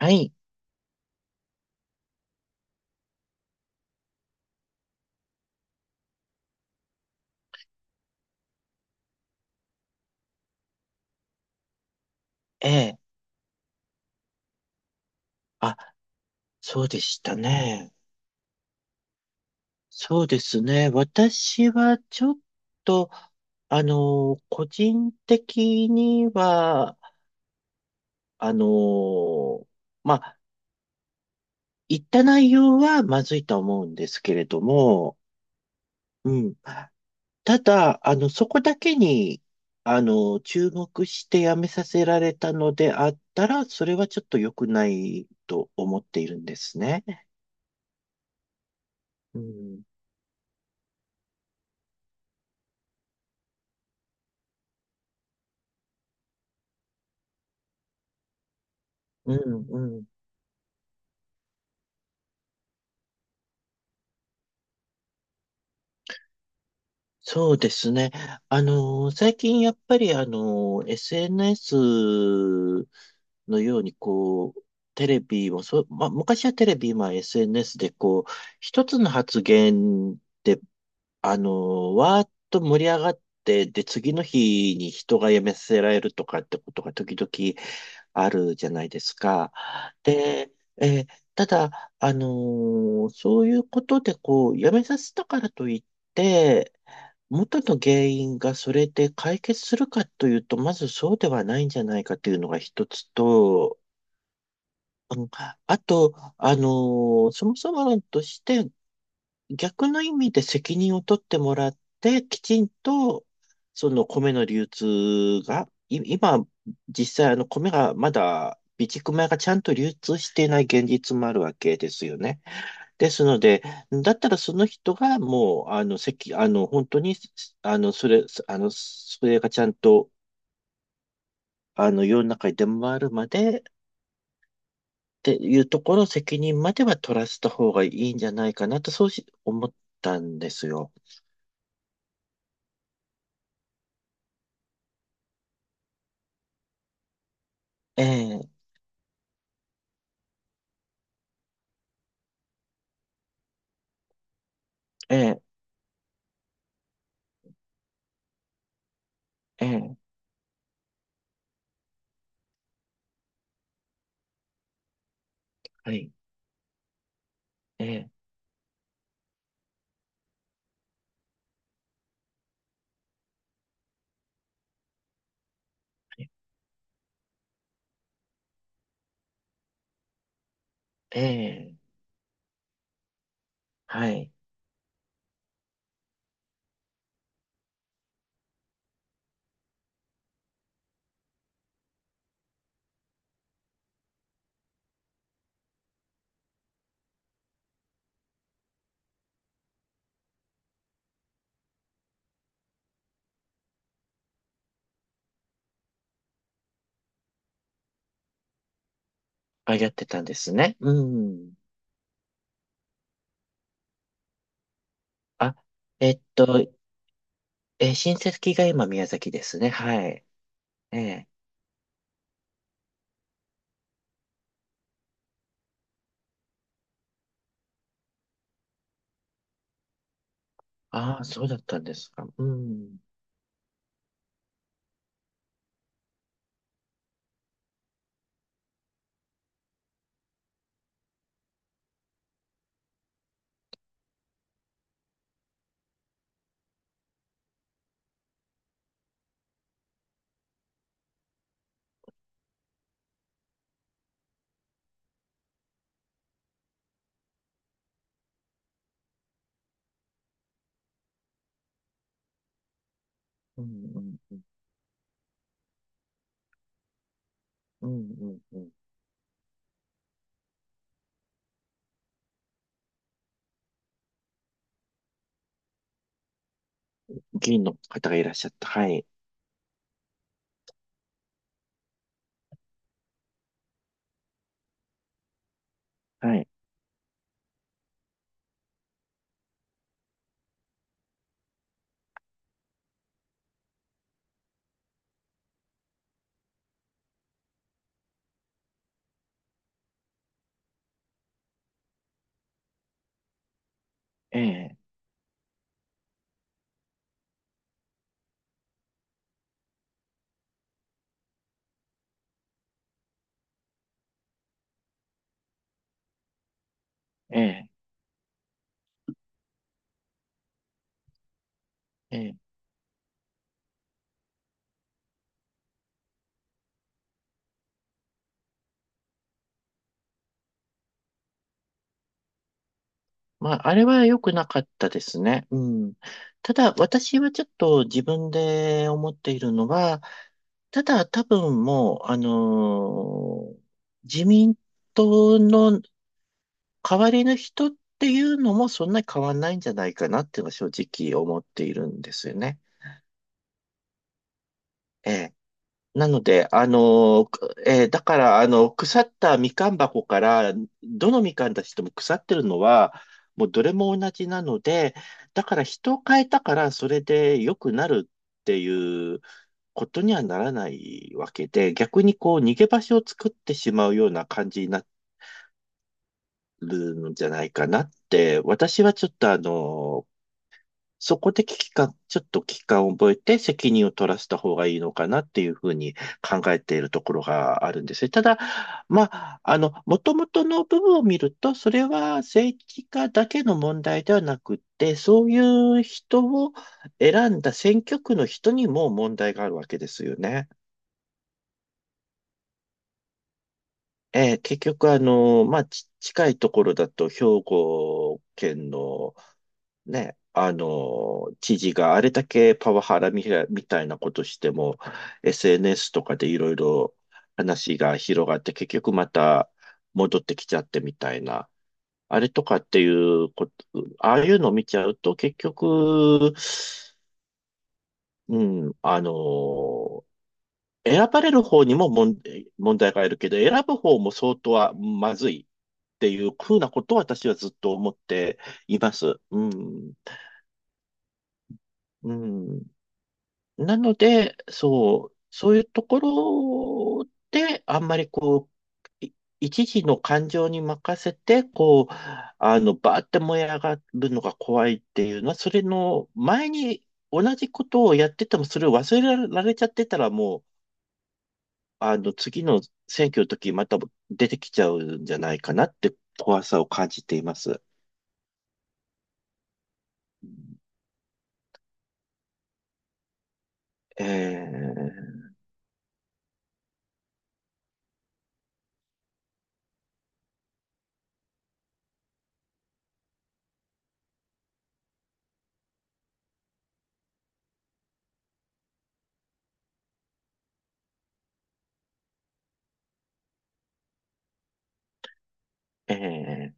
はい、ええ。あ、そうでしたね。そうですね。私はちょっと、個人的には、あの、まあ、言った内容はまずいと思うんですけれども、うん。ただ、そこだけに、注目してやめさせられたのであったら、それはちょっと良くないと思っているんですね。うん、うん、そうですね。最近やっぱりSNS のようにこう、テレビもそう、まあ、昔はテレビ、今 SNS でこう、一つの発言で、わーっと盛り上がって、で、次の日に人が辞めさせられるとかってことが時々あるじゃないですか。で、えーただ、そういうことで、こう、やめさせたからといって、元の原因がそれで解決するかというと、まずそうではないんじゃないかというのが一つと、うん、あと、あのそもそも論として逆の意味で責任を取ってもらって、きちんと、その米の流通が、今、実際米がまだ、備蓄米がちゃんと流通していない現実もあるわけですよね。ですので、だったらその人がもう、あの、責、あの、本当に、それがちゃんと、世の中に出回るまで、っていうところ、責任までは取らせた方がいいんじゃないかなと、そう思ったんですよ。ええ、ええ、ええ、はい、ええ、ええ、はい。あ、やってたんですね。うん。あ、えっと、親戚が今宮崎ですね。はい。ええ。ああ、そうだったんですか。うん。うん、うん、うん、うん、うん。議員の方がいらっしゃった。はい。はい。ええ、ええ、ええ。まあ、あれは良くなかったですね。うん。ただ、私はちょっと自分で思っているのは、ただ多分もう、自民党の代わりの人っていうのもそんなに変わんないんじゃないかなっていうのは正直思っているんですよね。ええ。なので、あの、くえーだから、腐ったみかん箱から、どのみかんたちとも腐ってるのは、もうどれも同じなので、だから人を変えたから、それで良くなるっていうことにはならないわけで、逆にこう、逃げ場所を作ってしまうような感じになるんじゃないかなって、私はちょっとそこで危機感、ちょっと危機感を覚えて責任を取らせた方がいいのかなっていうふうに考えているところがあるんですね。ただ、まあ、もともとの部分を見ると、それは政治家だけの問題ではなくって、そういう人を選んだ選挙区の人にも問題があるわけですよね。結局、近いところだと、兵庫県のね、知事があれだけパワハラみたみたいなことしても、SNS とかでいろいろ話が広がって、結局また戻ってきちゃってみたいな、あれとかっていうこと、ああいうのを見ちゃうと、結局、うん、選ばれる方にも問題があるけど、選ぶ方も相当はまずいっていう風なことを私はずっと思っています。うん、うん。なので、そう、そういうところで、あんまりう、い一時の感情に任せて、こう、バーって燃え上がるのが怖いっていうのは、それの前に同じことをやってても、それを忘れられちゃってたら、もう、次の選挙の時、また出てきちゃうんじゃないかなって怖さを感じています。えー、え、ー、え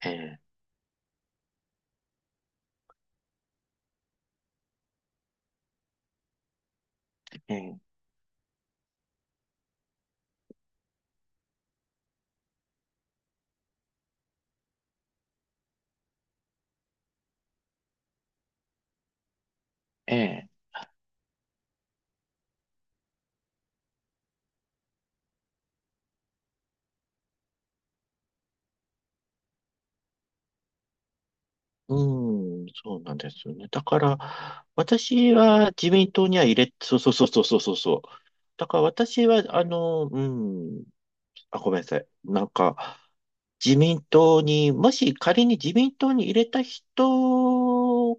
ー、え、ー、えーうん、そうなんですよね。だから、私は自民党には入れ、そうそうそうそうそうそうそう。だから私は、うん、あ、ごめんなさい。なんか、自民党に、もし仮に自民党に入れた人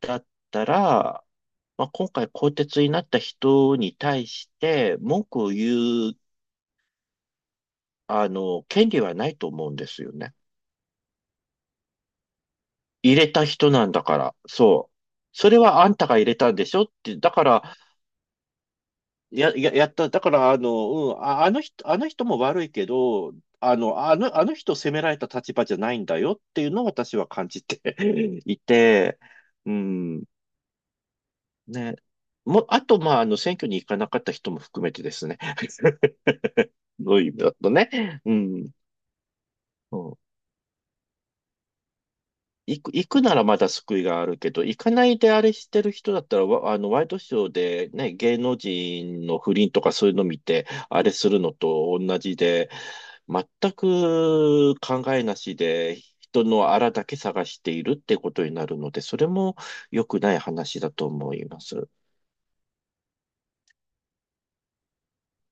だったら、まあ、今回更迭になった人に対して文句を言う、あの、権利はないと思うんですよね。入れた人なんだから、そう。それはあんたが入れたんでしょって、だから、やった。だから、あの、うん、あ、あの人、あの人も悪いけど、あの人を責められた立場じゃないんだよっていうのを私は感じて いて、うん、ね。もあと、まあ、選挙に行かなかった人も含めてですね。どういう意味だとね。うん。うん、行くならまだ救いがあるけど、行かないであれしてる人だったら、わあの、ワイドショーでね、芸能人の不倫とかそういうの見て、あれするのと同じで、全く考えなしで、人のあらだけ探しているってことになるので、それも良くない話だと思います。